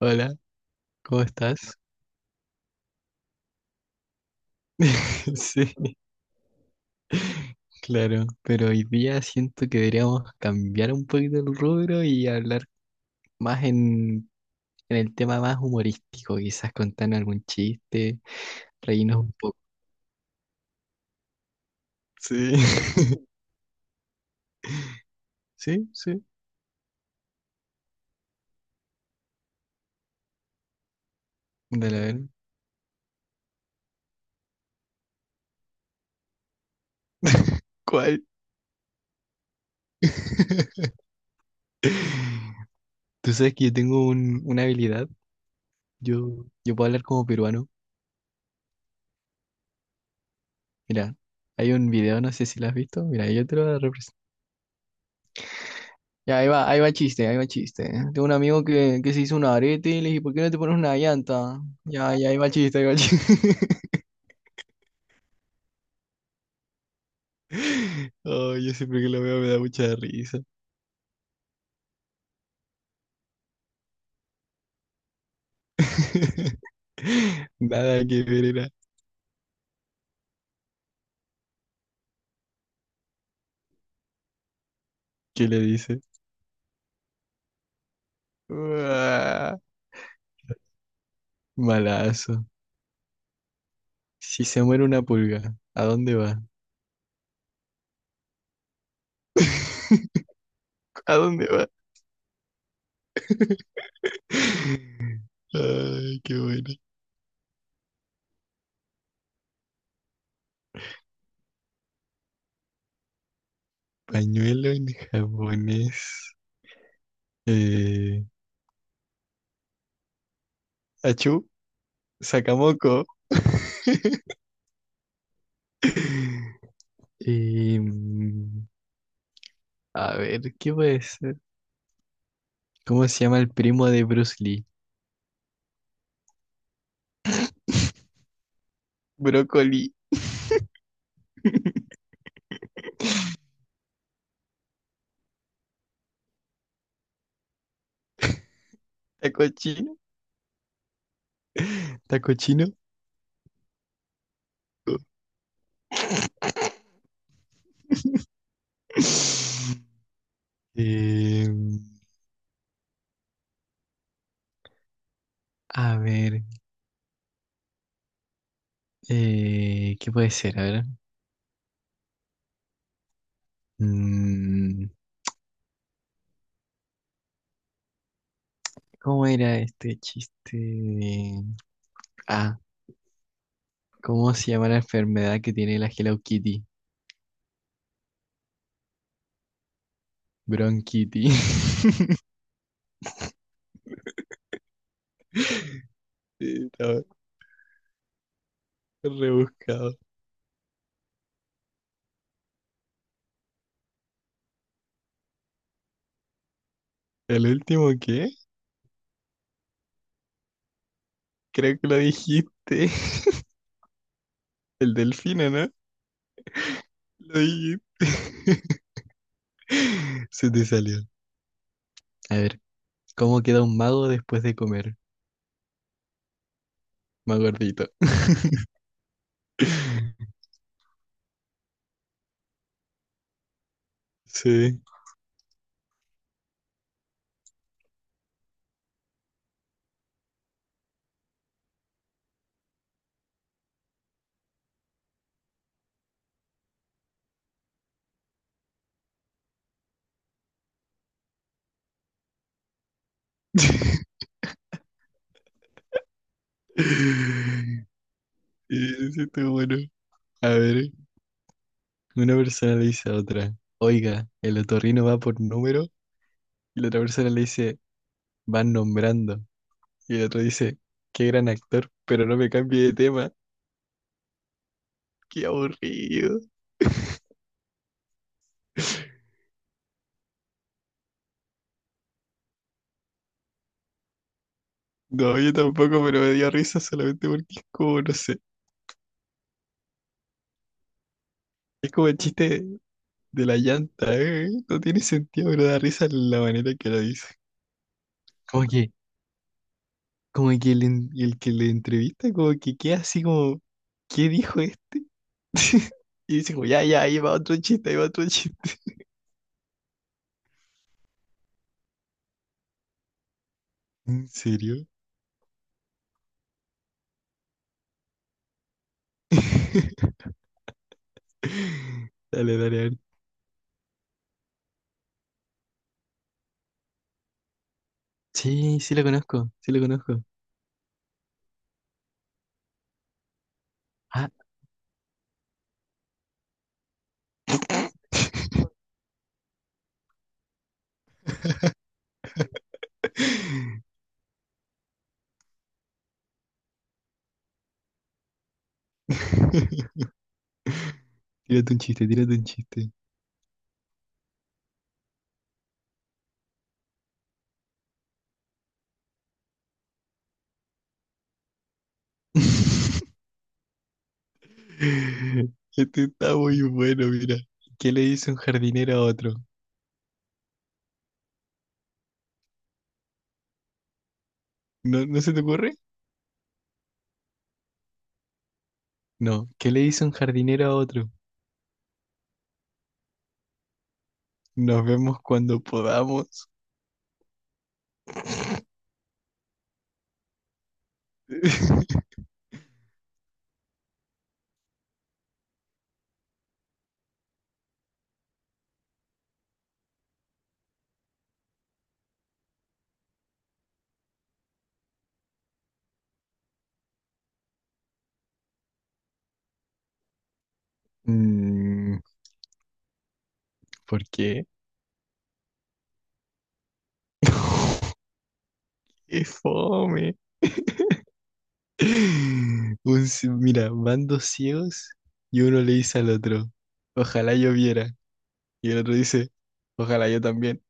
Hola, ¿cómo estás? Sí, claro, pero hoy día siento que deberíamos cambiar un poquito el rubro y hablar más en el tema más humorístico, quizás contar algún chiste, reírnos un poco. Sí, sí, sí, dale a ver. ¿Cuál? Tú sabes que yo tengo una habilidad, yo puedo hablar como peruano. Mira, hay un video, no sé si lo has visto, mira, yo te lo voy a representar. Ya, ahí va chiste, ahí va chiste. Tengo un amigo que se hizo un arete y le dije, ¿por qué no te pones una llanta? Ya, ya, ahí va chiste, ahí va chiste. Oh, yo siempre que lo veo me da mucha risa. Nada que ver era. ¿Qué le dice? Uah, malazo. Si se muere una pulga, ¿a dónde va? ¿A dónde va? Ay, qué bueno. Pañuelo en japonés. Eh, achú, sacamoco. Y, a ver, ¿qué puede ser? ¿Cómo se llama el primo de Bruce Lee? Brócoli, taco chino, taco chino. Eh, a ver, ¿qué puede ser? A ver. Mm, ¿Cómo era este chiste? de- Ah, ¿cómo se llama la enfermedad que tiene la Hello Kitty? Bronquitty. Estaba rebuscado. ¿El último qué? Creo que lo dijiste. El delfino, ¿no? Lo dijiste. Se te salió. A ver, ¿cómo queda un mago después de comer? Más gordito. Sí. Eso está bueno. A ver, una persona le dice a otra, oiga, el otorrino va por número, y la otra persona le dice, van nombrando. Y el otro dice, qué gran actor, pero no me cambie de tema. Qué aburrido. No, yo tampoco, pero me dio risa solamente porque es como, no sé. Es como el chiste de la llanta, ¿eh? No tiene sentido, pero da risa la manera que lo dice. Como que, como que el que le entrevista, como que queda así como, ¿qué dijo este? Y dice como, ya, ya, ahí va otro chiste, ahí va otro chiste. ¿En serio? Dale, dale, a ver. Sí, sí lo conozco, sí lo conozco. Ah. Tírate un chiste, tírate un chiste. Este está muy bueno, mira. ¿Qué le dice un jardinero a otro? ¿No, no se te ocurre? No. ¿Qué le dice un jardinero a otro? Nos vemos cuando podamos. Mm, ¿por qué? ¡Qué fome! Mira, van dos ciegos y uno le dice al otro, ojalá yo viera. Y el otro dice, ojalá yo también.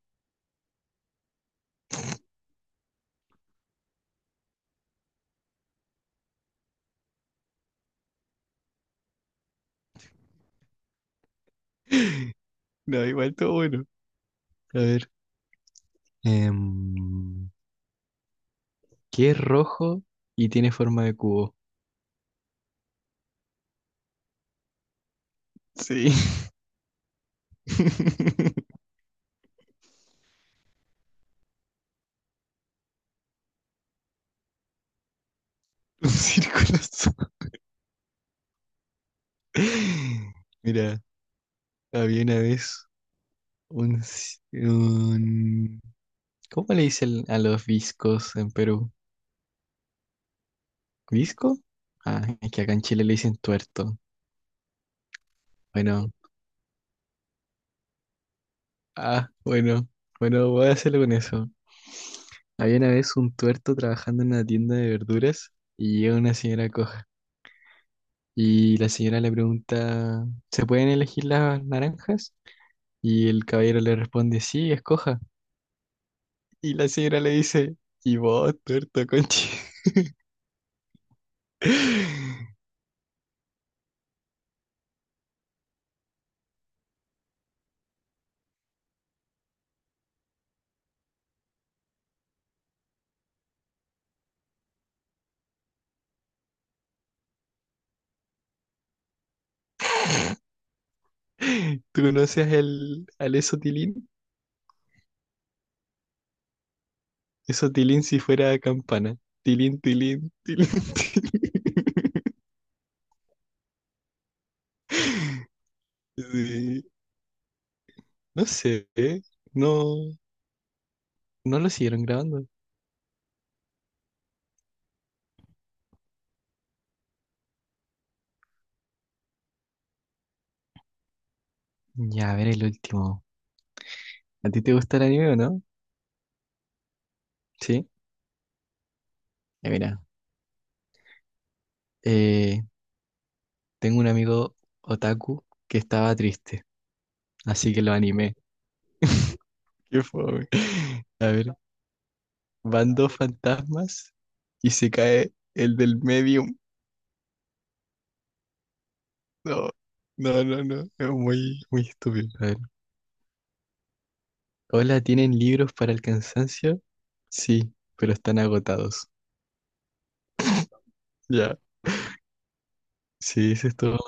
No, igual todo bueno. A ver. em, que es rojo y tiene forma de cubo. Sí. Un círculo azul. Mira, había una vez un, ci- un- ¿cómo le dicen a los viscos en Perú? ¿Visco? Ah, es que acá en Chile le dicen tuerto. Bueno, ah, bueno, bueno, voy a hacerlo con eso. Había una vez un tuerto trabajando en una tienda de verduras y llega una señora coja. Y la señora le pregunta, ¿se pueden elegir las naranjas? Y el caballero le responde, sí, escoja. Y la señora le dice, y vos, tuerto conchi, tú no seas el, al eso tilín si fuera campana. Tilín, tilín, tilín, tilín. Sí, no sé, ¿eh? No, no lo siguieron grabando. Ya, a ver el último. ¿A ti te gusta el anime o no? Sí. Ya, mira, eh, tengo un amigo otaku que estaba triste, así que lo animé. Qué fome. A ver. Van dos fantasmas y se cae el del medium. No, no, no, no. Es muy, muy estúpido. A ver. Hola, ¿tienen libros para el cansancio? Sí, pero están agotados. Ya. Sí, eso es todo.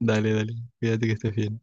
Dale, dale. Cuídate que estés bien.